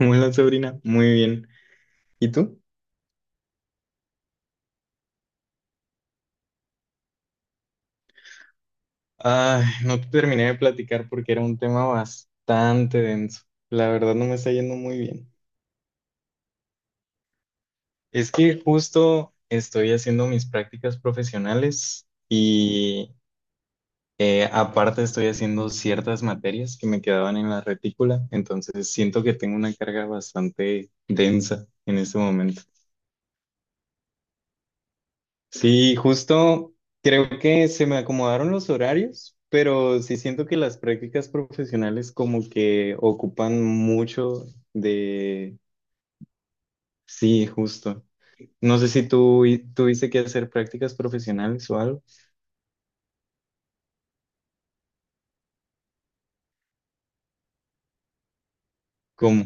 Hola, Sabrina. Muy bien. ¿Y tú? Ay, no te terminé de platicar porque era un tema bastante denso. La verdad no me está yendo muy bien. Es que justo estoy haciendo mis prácticas profesionales y aparte estoy haciendo ciertas materias que me quedaban en la retícula, entonces siento que tengo una carga bastante densa en este momento. Sí, justo creo que se me acomodaron los horarios, pero sí siento que las prácticas profesionales como que ocupan mucho de... Sí, justo. No sé si tuviste que hacer prácticas profesionales o algo. ¿Cómo?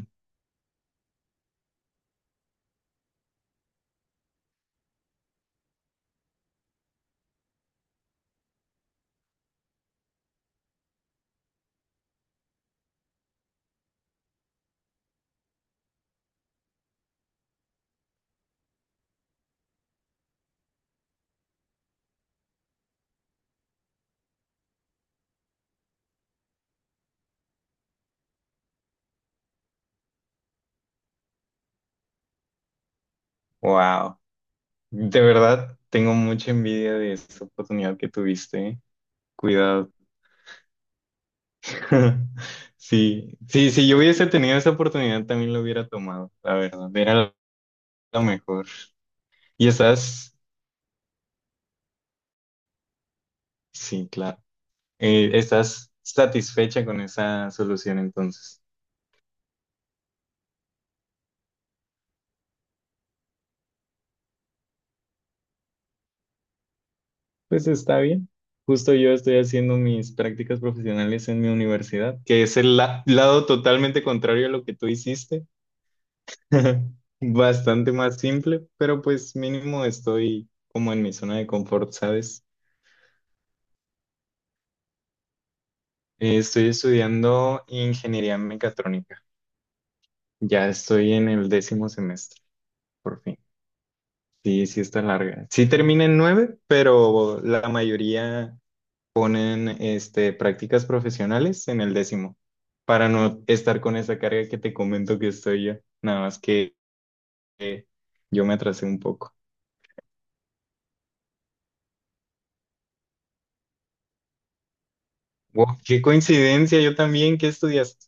Wow. De verdad, tengo mucha envidia de esa oportunidad que tuviste, ¿eh? Cuidado. Sí, sí, si yo hubiese tenido esa oportunidad también lo hubiera tomado, la verdad. Era lo mejor. ¿Y estás? Sí, claro. ¿Estás satisfecha con esa solución entonces? Pues está bien. Justo yo estoy haciendo mis prácticas profesionales en mi universidad, que es lado totalmente contrario a lo que tú hiciste. Bastante más simple, pero pues mínimo estoy como en mi zona de confort, ¿sabes? Estoy estudiando ingeniería mecatrónica. Ya estoy en el décimo semestre, por fin. Sí, sí está larga. Sí termina en nueve, pero la mayoría ponen prácticas profesionales en el décimo, para no estar con esa carga que te comento que estoy yo. Nada más que eh, yo me atrasé un poco. Wow, qué coincidencia, yo también, ¿qué estudiaste?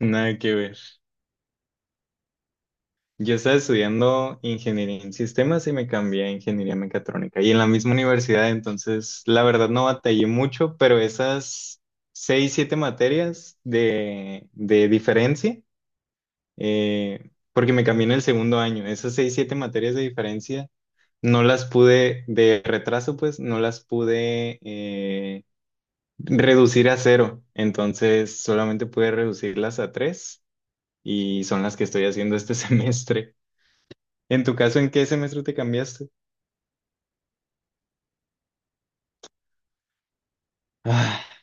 Nada que ver. Yo estaba estudiando ingeniería en sistemas y me cambié a ingeniería mecatrónica y en la misma universidad, entonces la verdad no batallé mucho, pero esas seis, siete materias de diferencia porque me cambié en el segundo año. Esas seis, siete materias de diferencia no las pude, de retraso, pues, no las pude reducir a cero. Entonces, solamente pude reducirlas a tres y son las que estoy haciendo este semestre. En tu caso, ¿en qué semestre te cambiaste? Ah,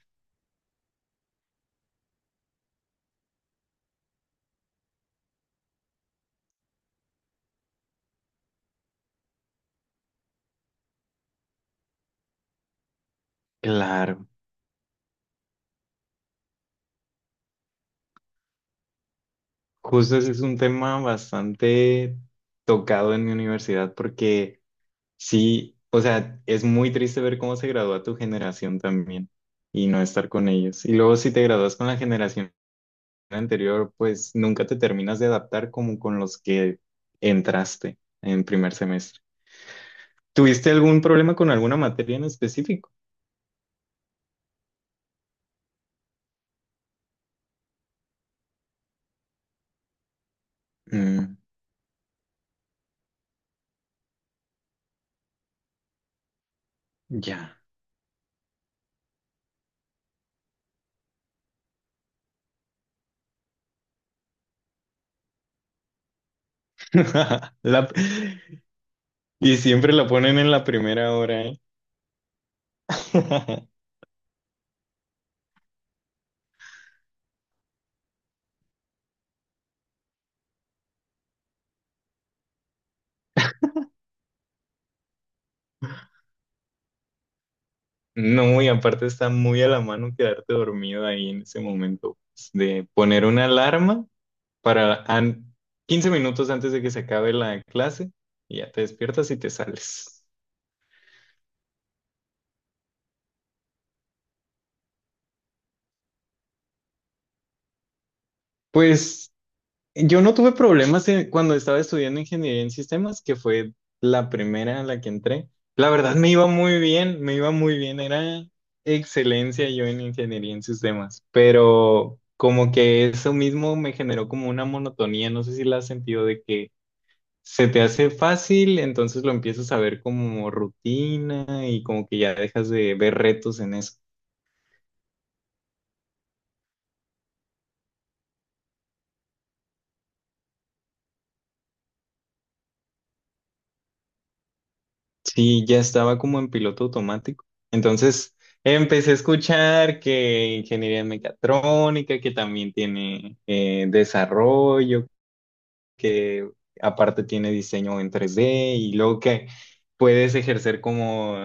claro. Justo ese es un tema bastante tocado en mi universidad porque sí, o sea, es muy triste ver cómo se gradúa tu generación también y no estar con ellos. Y luego si te gradúas con la generación anterior, pues nunca te terminas de adaptar como con los que entraste en primer semestre. ¿Tuviste algún problema con alguna materia en específico? Mm, ya. La- Y siempre la ponen en la primera hora, ¿eh? No, y aparte está muy a la mano quedarte dormido ahí en ese momento, pues, de poner una alarma para an- 15 minutos antes de que se acabe la clase y ya te despiertas y te sales. Pues yo no tuve problemas en- cuando estaba estudiando ingeniería en sistemas, que fue la primera a la que entré. La verdad me iba muy bien, me iba muy bien, era excelencia yo en ingeniería en sistemas, pero como que eso mismo me generó como una monotonía, no sé si la has sentido de que se te hace fácil, entonces lo empiezas a ver como rutina y como que ya dejas de ver retos en eso. Sí, ya estaba como en piloto automático. Entonces empecé a escuchar que ingeniería mecatrónica, que también tiene desarrollo, que aparte tiene diseño en tres d y luego que puedes ejercer como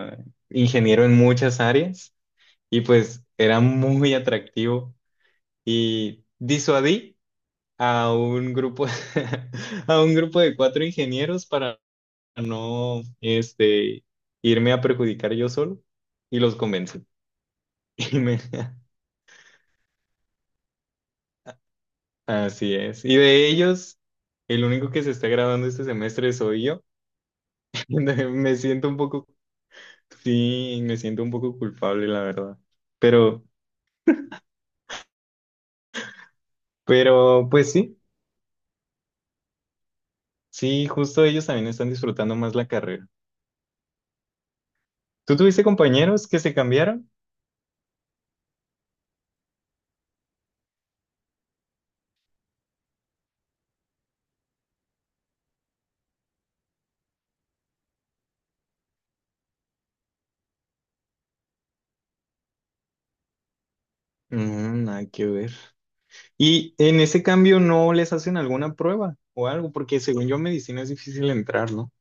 ingeniero en muchas áreas y pues era muy atractivo y disuadí. A un grupo, a un grupo de cuatro ingenieros para no, este, irme a perjudicar yo solo y los convencí. Y me- Así es. Y de ellos, el único que se está graduando este semestre soy yo. Me siento un poco, sí, me siento un poco culpable, la verdad. Pero, pues sí, sí, justo ellos también están disfrutando más la carrera. ¿Tú tuviste compañeros que se cambiaron? Mm, nada que ver. Y en ese cambio no les hacen alguna prueba o algo, porque según yo medicina es difícil entrar, ¿no?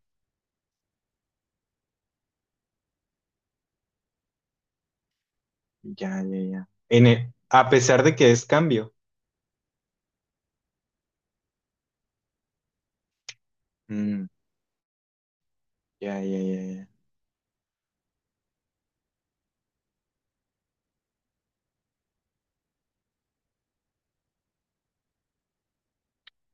Ya, ya, ya. A pesar de que es cambio. Mm, ya, ya, ya, ya.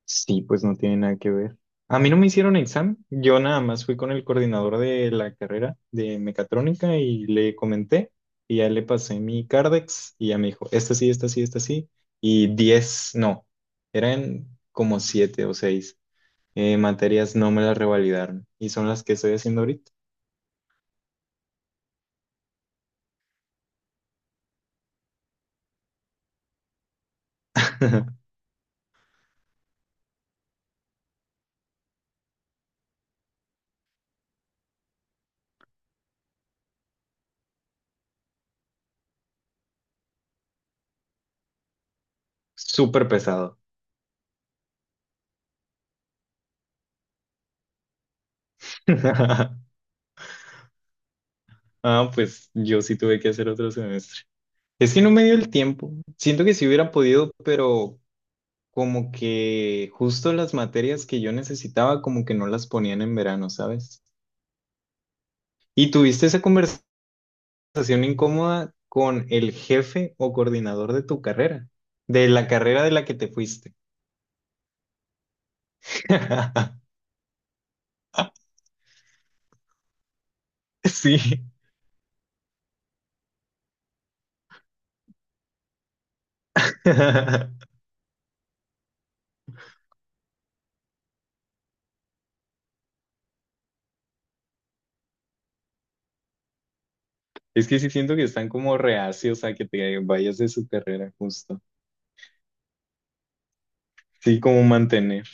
Sí, pues no tiene nada que ver. A mí no me hicieron examen, yo nada más fui con el coordinador de la carrera de mecatrónica y le comenté y ya le pasé mi Cardex y ya me dijo, esta sí, esta sí, esta sí, y 10 no, eran como 7 o 6. Materias no me las revalidaron y son las que estoy haciendo ahorita. Súper pesado. Ah, pues yo sí tuve que hacer otro semestre. Es que no me dio el tiempo. Siento que si hubiera podido, pero como que justo las materias que yo necesitaba, como que no las ponían en verano, ¿sabes? ¿Y tuviste esa conversación incómoda con el jefe o coordinador de tu carrera? De la carrera de la que te fuiste. Sí. Es que sí siento que están como reacios a que te vayas de su carrera, justo. Sí, como mantener.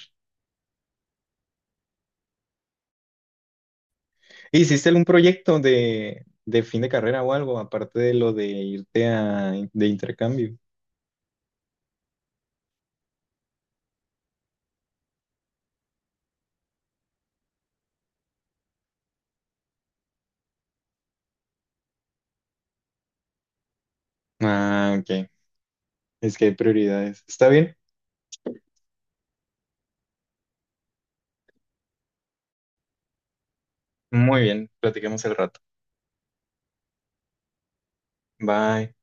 ¿Hiciste algún proyecto de fin de carrera o algo, aparte de lo de irte a, de intercambio? Ah, ok. Es que hay prioridades. ¿Está bien? Muy bien. Platiquemos el rato. Bye.